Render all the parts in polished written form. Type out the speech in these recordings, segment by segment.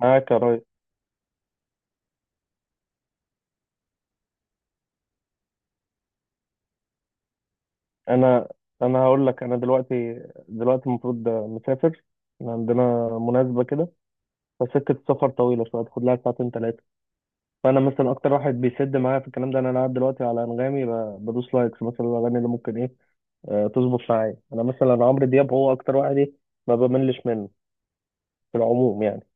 معاك يا ريس. انا انا هقول لك، انا دلوقتي، المفروض مسافر. إحنا عندنا مناسبة كده، فسكة السفر طويلة شوية، تاخد لها ساعتين ثلاثة. فأنا مثلا أكتر واحد بيسد معايا في الكلام ده إن أنا قاعد دلوقتي على أنغامي، بدوس لايكس مثلا الأغاني اللي ممكن إيه، تظبط معايا. أنا مثلا عمرو دياب هو أكتر واحد، إيه، ما بملش منه في العموم يعني.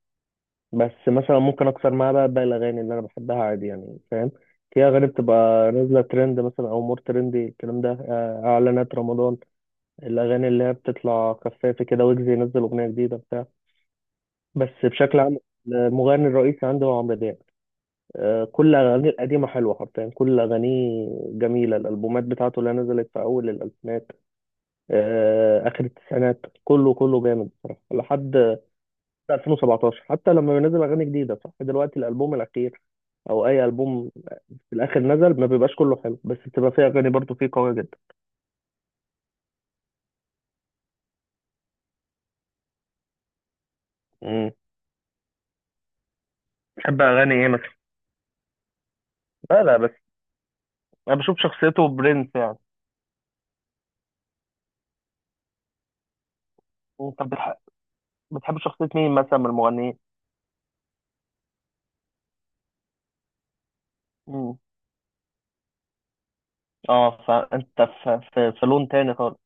بس مثلا ممكن أكسر معاه بقى باقي الأغاني اللي أنا بحبها عادي، يعني فاهم. في أغاني بتبقى نازلة ترند مثلا، أو مور ترندي، الكلام ده، إعلانات رمضان، الأغاني اللي هي بتطلع خفافة كده، ويجز ينزل أغنية جديدة بتاع. بس بشكل عام المغني الرئيسي عندي هو عمرو دياب. كل أغانيه القديمة حلوة، حرفيا كل أغانيه جميلة. الألبومات بتاعته اللي نزلت في أول الألفينات، آخر التسعينات، كله جامد بصراحة لحد 2017. حتى لما بينزل أغاني جديدة، صح دلوقتي الألبوم الأخير أو أي ألبوم في الآخر نزل ما بيبقاش كله حلو، بس بتبقى فيه أغاني برضه فيه قوية جدا. مم. بتحب أغاني إيه مثلا؟ لا لا بس، أنا بشوف شخصيته برنس يعني. طب بتحب شخصية مين مثلا من المغنيين؟ مم. اه، فانت في في لون تاني خالص.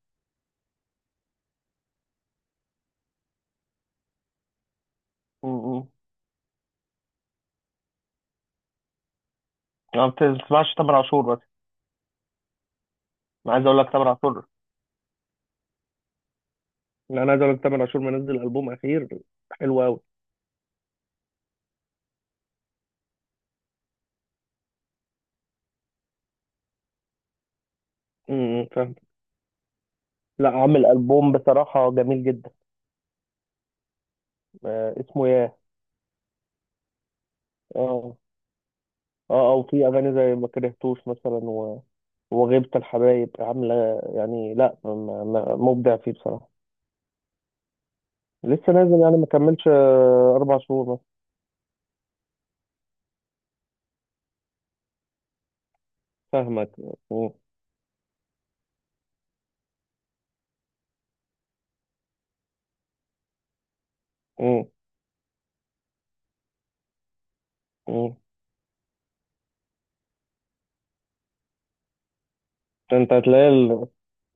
مم. انا ما بتسمعش تامر عاشور بس. انا عايز اقول لك تامر عاشور، لا انا عايز اقول لك تامر عاشور منزل البوم اخير حلو قوي. فاهم. لا عامل البوم بصراحه جميل جدا. آه، اسمه ياه. اه اه، او في اغاني زي ما كرهتوش مثلا، وغيبة الحبايب عامله. يعني، لا م- م- مبدع فيه بصراحه. لسه نازل يعني، ما كملش اربع شهور مثلا. فاهمك. مم. مم. مم. ده انت هتلاقي ال-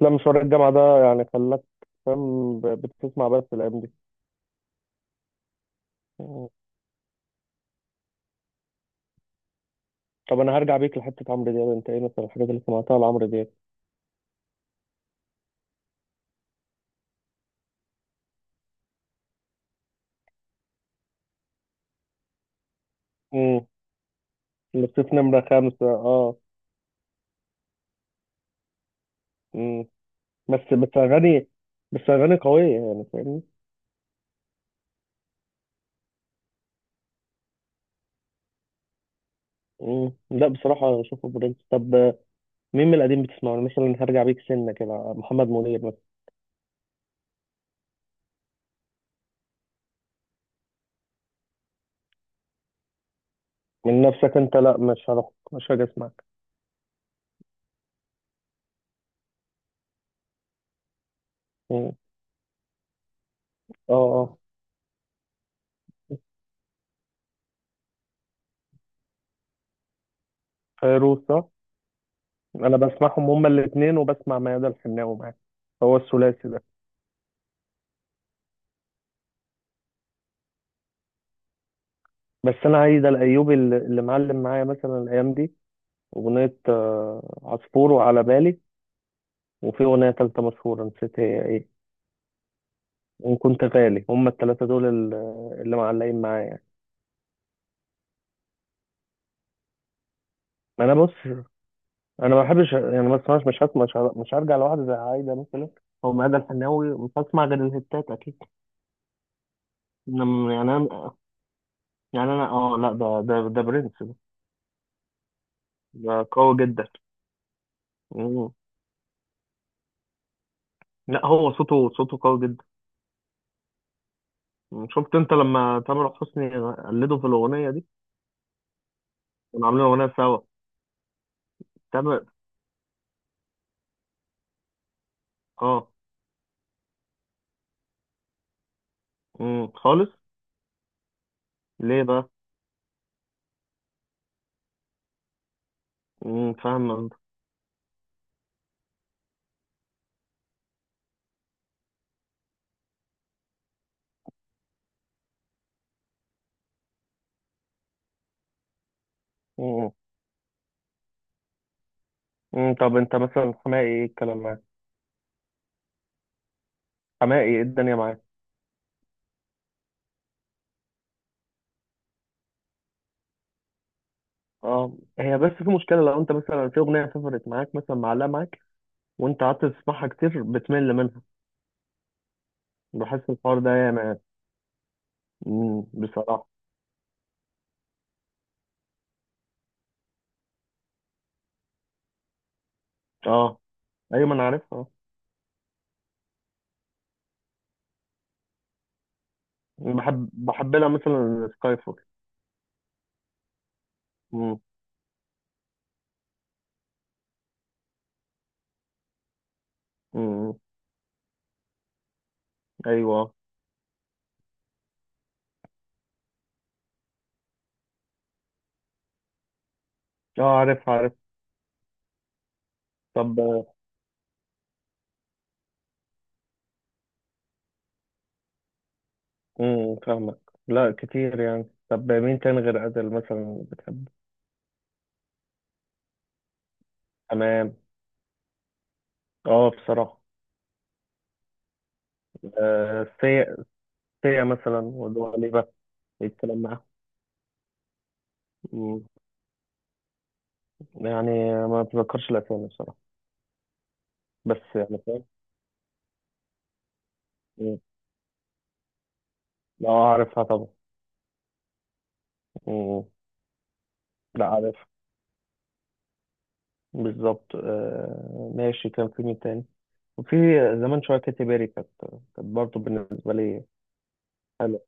لا مشوار الجامعة ده يعني خلاك فاهم، بتسمع بس الأيام دي. مم. طب أنا هرجع بيك لحتة عمرو دياب. أنت إيه مثلا الحاجات اللي سمعتها لعمرو دياب؟ امم. لصيف نمرة خمسة، أه. امم. بس بس أغاني، بس أغاني قوية يعني، فاهمني؟ امم. لا بصراحة أشوفه برنس. طب مين من القديم بتسمعه؟ أنا مثلا هرجع بيك سنة كده، محمد منير مثلا. من نفسك أنت؟ لا مش هروح، مش هاجي أسمعك. مم. أه أه. فيروز صح؟ انا بسمعهم هما الاثنين، وبسمع ميادة الحناوي معاه، هو الثلاثي ده. بس انا عايز الايوبي، اللي معلم معايا مثلا الايام دي اغنيه، عصفور، وعلى بالي، وفي اغنيه ثالثه مشهوره نسيت هي ايه. وان كنت غالي، هما الثلاثه دول اللي معلقين معايا يعني. ما انا بص، انا ما بحبش يعني، ما بسمعش، مش هسمع مش هر- مش هرجع لواحد زي عايده مثلا او ميادة الحناوي، مش هسمع غير الهتات اكيد. إنما يعني انا، يعني انا اه لا ده ده برنس ده، ده قوي جدا. لا هو صوته قوي جدا. شفت انت لما تامر حسني قلده في الاغنيه دي، كنا عاملين اغنيه سوا. تامر. اه. خالص. ليه بقى؟ فاهم انت. امم. امم. طب انت مثلا حماقي ايه الكلام معاك؟ حماقي ايه الدنيا معاك؟ اه، هي بس في مشكله لو انت مثلا في اغنيه سافرت معاك مثلا، معلقه معاك، وانت قعدت تسمعها كتير بتمل منها. بحس الحوار ده ياما يعني. امم. بصراحه. اه. ايوه، ما انا عارفها آه. بحب لها مثلا سكاي فول. امم. امم. ايوه. اه عارف عارف. طب. فاهمك. لا كتير يعني. طب مين تاني غير أزل مثلا بتحبه؟ تمام. اه بصراحة. آه سيا، سيا مثلا ودول بقى، الكلام معاه. مم. يعني ما بتذكرش الأسامي بصراحة، بس يعني فاهم. مم. لا عارفها طبعا. مم. لا عارفها. بالظبط. آه ماشي، كان في مين تاني؟ وفي زمان شوية كاتي بيري، كانت برضه بالنسبة لي حلوة.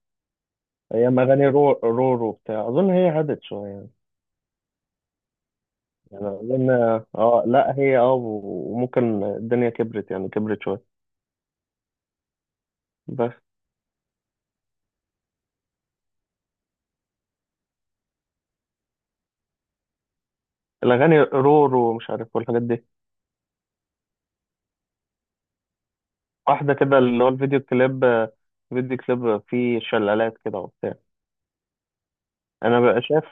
رورو بتاع أظن، هي هدت شوية يعني، لأن اه لا هي اه، وممكن الدنيا كبرت يعني، كبرت شوية. بس الأغاني رور ومش عارف والحاجات دي، واحدة كده اللي هو الفيديو كليب، فيديو كليب فيه شلالات كده وبتاع. أنا بقى شايف،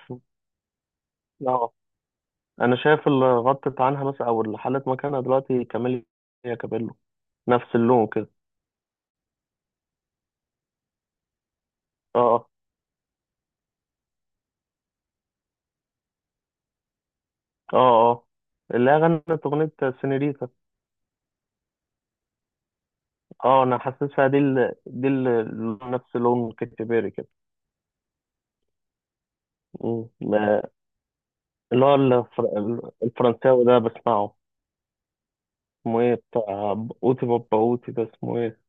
اه. أنا شايف اللي غطت عنها مثلا، أو اللي حلت مكانها دلوقتي، كاميليا كابيلو، نفس اللون كده. اه اه. اه اه. اللي هي غنت أغنية سينيريتا. اه. أنا حاسسها دي نفس لون كاتي بيري كده. مم. اللي هو الفر... الفرنساوي ده بسمعه. اسمه ايه بتاع، اوتي بابا اوتي ده اسمه ايه؟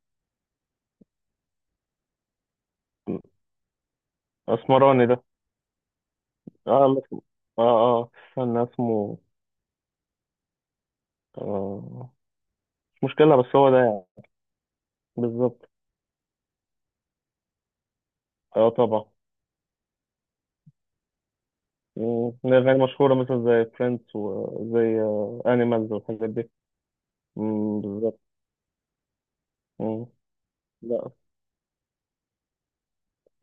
اسمراني ده. اه لا اسمه- اه اه استنى اسمه، آه، مش مشكلة بس هو ده يعني. بالظبط. اه طبعا. مم، من أغاني مشهورة مثلا زي فريندز وزي أنيمالز والحاجات دي. مم، بالظبط. مم. لا،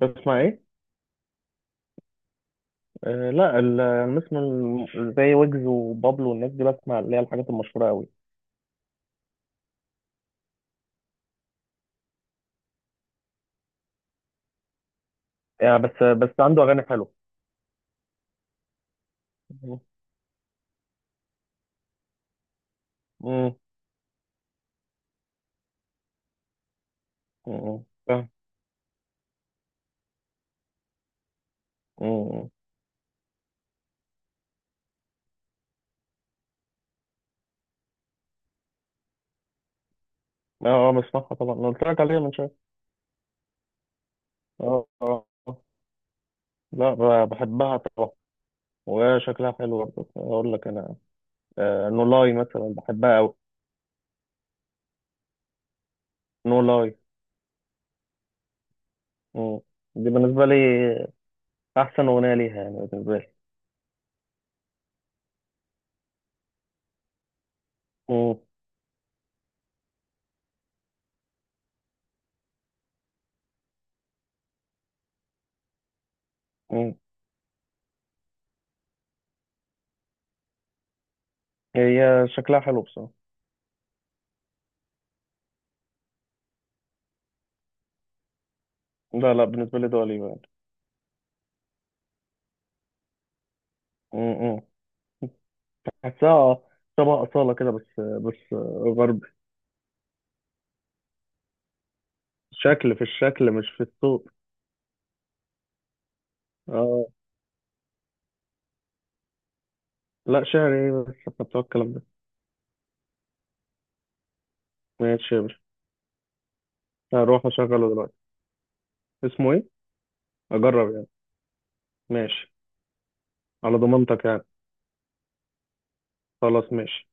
بسمع ايه؟ آه لا ال- أنا بسمع زي ويجز وبابلو والناس دي، بسمع اللي هي الحاجات المشهورة أوي. يعني بس بس عنده أغاني حلوة. مم. مم فاهم. مم. اه، بسمعها طبعا، أنا قلت لك عليها من شويه. اه اه آه. لا بحبها طبعا، وشكلها حلو برضه اقول لك انا. آه، نو لاي مثلا بحبها قوي. نو لاي، دي بالنسبه لي احسن اغنيه ليها يعني بالنسبه لي. مم. مم. هي شكلها حلو بصراحه. لا لا بالنسبه لي دول يعني. مم. حاساها شبه اصاله كده، بس بس، غربي. شكل، في الشكل مش في الصوت. اه. لا شعري إيه، بس احنا بتوع الكلام ده. ماشي. هروح اشغله دلوقتي. اسمه ايه؟ اجرب يعني. ماشي. على ضمانتك يعني. خلاص ماشي.